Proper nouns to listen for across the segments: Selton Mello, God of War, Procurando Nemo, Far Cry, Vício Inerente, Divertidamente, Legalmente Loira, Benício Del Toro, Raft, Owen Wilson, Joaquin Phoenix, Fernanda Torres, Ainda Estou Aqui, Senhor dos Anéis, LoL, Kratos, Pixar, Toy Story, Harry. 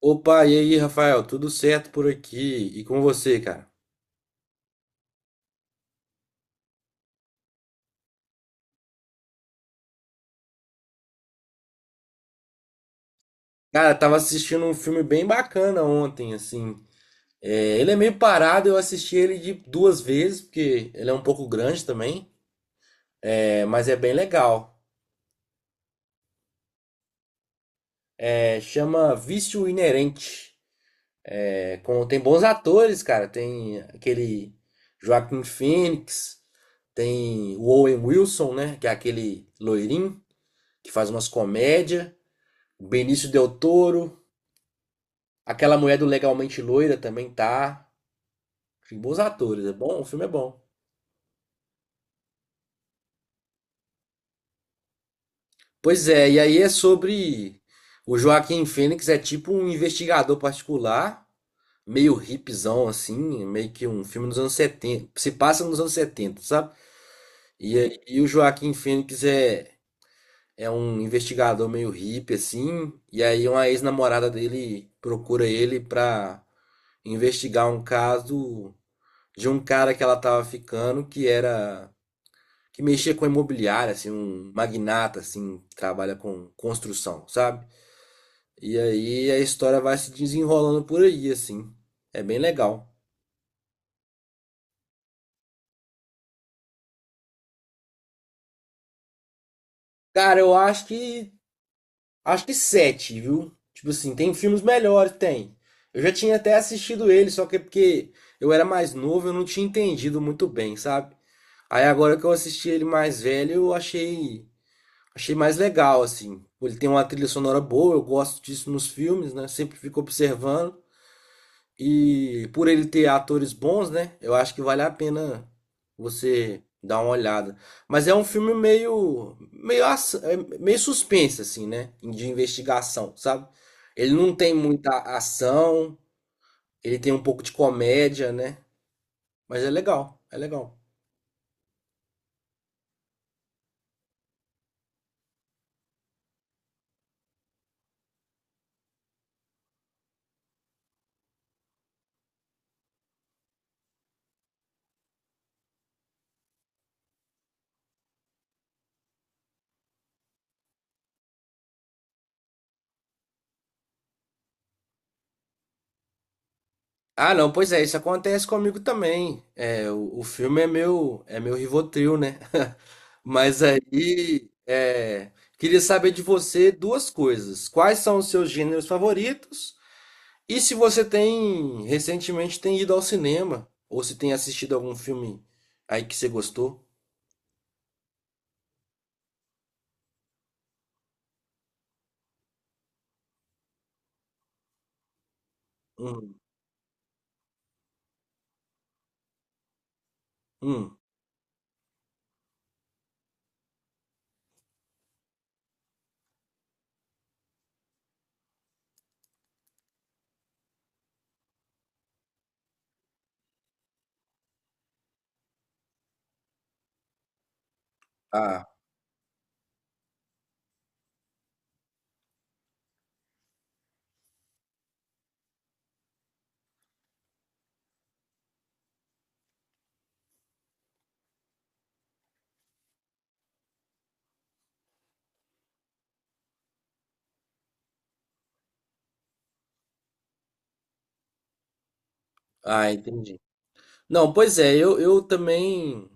Opa, e aí, Rafael? Tudo certo por aqui? E com você, cara? Cara, eu tava assistindo um filme bem bacana ontem, assim. É, ele é meio parado, eu assisti ele de duas vezes, porque ele é um pouco grande também, mas é bem legal. É, chama Vício Inerente. É, tem bons atores, cara. Tem aquele Joaquin Phoenix, tem o Owen Wilson, né? Que é aquele loirinho que faz umas comédias. Benício Del Toro. Aquela mulher do Legalmente Loira também tá. Tem bons atores, é bom, o filme é bom. Pois é, e aí é sobre. O Joaquim Fênix é tipo um investigador particular, meio hipzão assim, meio que um filme dos anos 70. Se passa nos anos 70, sabe? E o Joaquim Fênix é um investigador meio hippie assim, e aí uma ex-namorada dele procura ele pra investigar um caso de um cara que ela tava ficando que mexia com imobiliária, assim, um magnata, assim, que trabalha com construção, sabe? E aí a história vai se desenrolando por aí, assim. É bem legal. Cara, eu acho que. Acho que sete, viu? Tipo assim, tem filmes melhores, tem. Eu já tinha até assistido ele, só que é porque eu era mais novo, eu não tinha entendido muito bem, sabe? Aí agora que eu assisti ele mais velho, achei mais legal, assim. Ele tem uma trilha sonora boa, eu gosto disso nos filmes, né? Sempre fico observando. E por ele ter atores bons, né? Eu acho que vale a pena você dar uma olhada. Mas é um filme meio, meio, aç- é meio suspense, assim, né? De investigação, sabe? Ele não tem muita ação, ele tem um pouco de comédia, né? Mas é legal, é legal. Ah, não, pois é, isso acontece comigo também. É, o filme é meu Rivotril, né? Mas aí, queria saber de você duas coisas. Quais são os seus gêneros favoritos? E se você tem, recentemente tem ido ao cinema, ou se tem assistido algum filme aí que você gostou? Hum, hum. Ah, ah, entendi. Não, pois é, eu também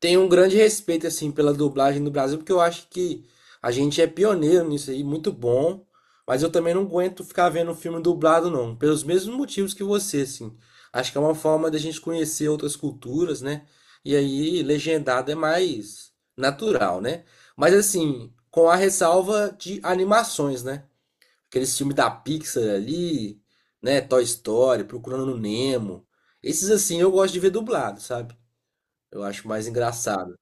tenho um grande respeito assim pela dublagem no Brasil, porque eu acho que a gente é pioneiro nisso aí, muito bom, mas eu também não aguento ficar vendo um filme dublado não, pelos mesmos motivos que você, assim. Acho que é uma forma da gente conhecer outras culturas, né? E aí legendado é mais natural, né? Mas assim, com a ressalva de animações, né? Aqueles filmes da Pixar ali, né? Toy Story, Procurando Nemo. Esses assim eu gosto de ver dublado, sabe? Eu acho mais engraçado.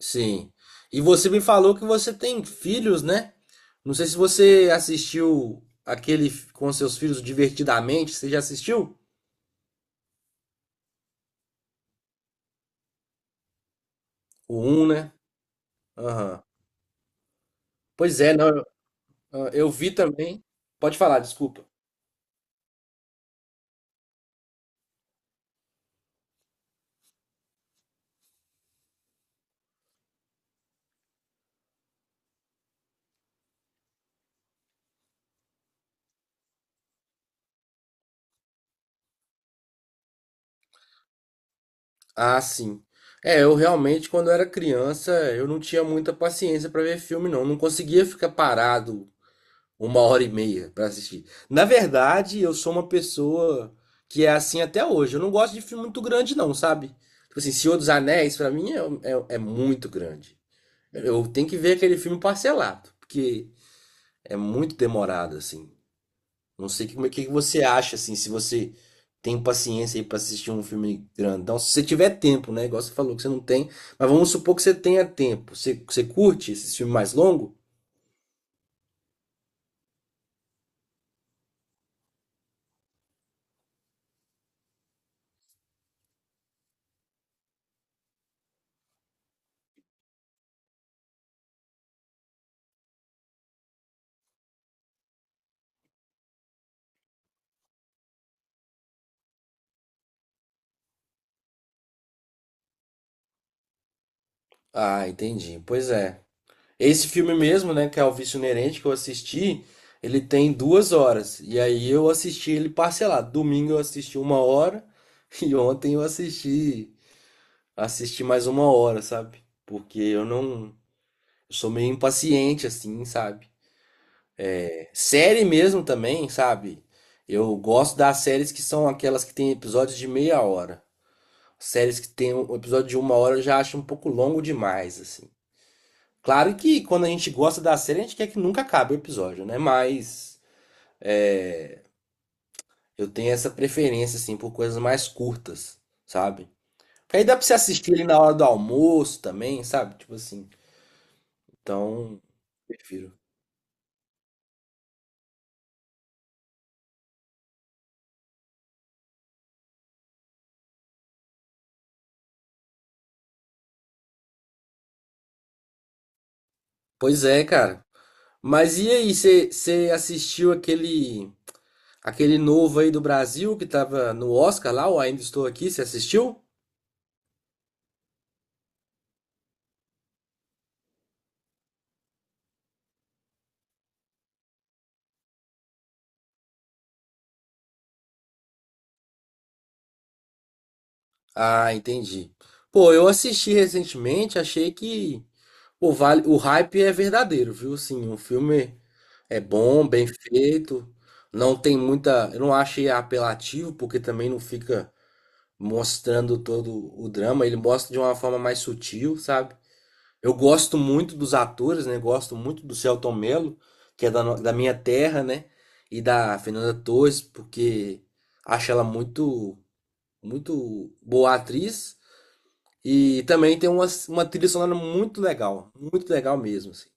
Sim. E você me falou que você tem filhos, né? Não sei se você assistiu aquele com seus filhos Divertidamente. Você já assistiu? O um, né? Aham. Pois é, não, eu vi também. Pode falar, desculpa. Ah, sim. É, eu realmente, quando era criança, eu não tinha muita paciência pra ver filme, não. Não conseguia ficar parado uma hora e meia pra assistir. Na verdade, eu sou uma pessoa que é assim até hoje. Eu não gosto de filme muito grande, não, sabe? Tipo assim, Senhor dos Anéis, pra mim, é muito grande. Eu tenho que ver aquele filme parcelado, porque é muito demorado, assim. Não sei como é que você acha, assim, se você tem paciência aí pra assistir um filme grandão. Se você tiver tempo, né? Igual você falou que você não tem. Mas vamos supor que você tenha tempo. Você curte esse filme mais longo? Ah, entendi. Pois é. Esse filme mesmo, né, que é O Vício Inerente, que eu assisti, ele tem 2 horas. E aí eu assisti ele parcelado. Domingo eu assisti 1 hora e ontem assisti mais 1 hora, sabe? Porque eu não, eu sou meio impaciente assim, sabe? É, Série mesmo também, sabe? Eu gosto das séries que são aquelas que tem episódios de meia hora. Séries que tem um episódio de 1 hora eu já acho um pouco longo demais, assim. Claro que quando a gente gosta da série, a gente quer que nunca acabe o episódio, né? Mas é, eu tenho essa preferência, assim, por coisas mais curtas, sabe? Porque aí dá pra você assistir ali na hora do almoço também, sabe? Tipo assim. Então, prefiro. Pois é, cara. Mas e aí, você assistiu aquele novo aí do Brasil que tava no Oscar lá, o Ainda Estou Aqui, você assistiu? Ah, entendi. Pô, eu assisti recentemente, achei que vale, o hype é verdadeiro, viu? Assim, o filme é bom, bem feito. Não tem muita. Eu não achei apelativo, porque também não fica mostrando todo o drama. Ele mostra de uma forma mais sutil, sabe? Eu gosto muito dos atores, né? Gosto muito do Selton Mello, que é da, no- da minha terra, né? E da Fernanda Torres, porque acho ela muito, muito boa atriz. E também tem uma trilha sonora muito legal mesmo, assim.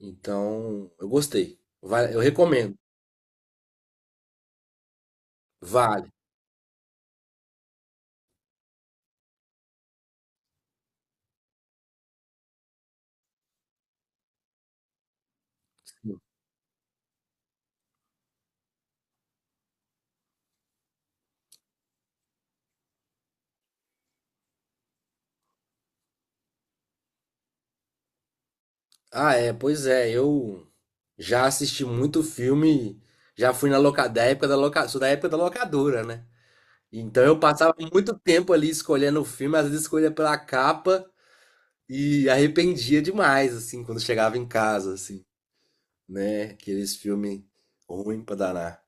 Então, eu gostei. Eu recomendo. Vale. Ah, é, pois é, eu já assisti muito filme, já fui na loca, da época da loca, sou da época da locadora, né? Então eu passava muito tempo ali escolhendo o filme, às vezes escolhia pela capa e arrependia demais, assim, quando chegava em casa, assim, né? Aqueles filmes ruim pra danar.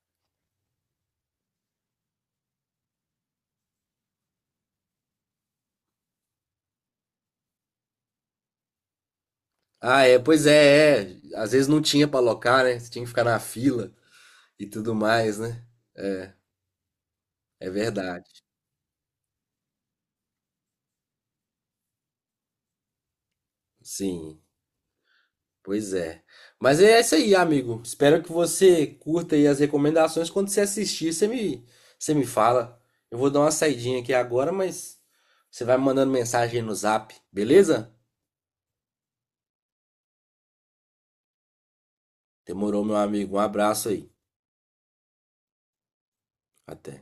Ah, é, pois é, é. Às vezes não tinha pra locar, né? Você tinha que ficar na fila e tudo mais, né? É verdade. Sim. Pois é. Mas é isso aí, amigo. Espero que você curta aí as recomendações. Quando você assistir, você me fala. Eu vou dar uma saidinha aqui agora, mas você vai me mandando mensagem aí no Zap, beleza? Demorou, meu amigo. Um abraço aí. Até.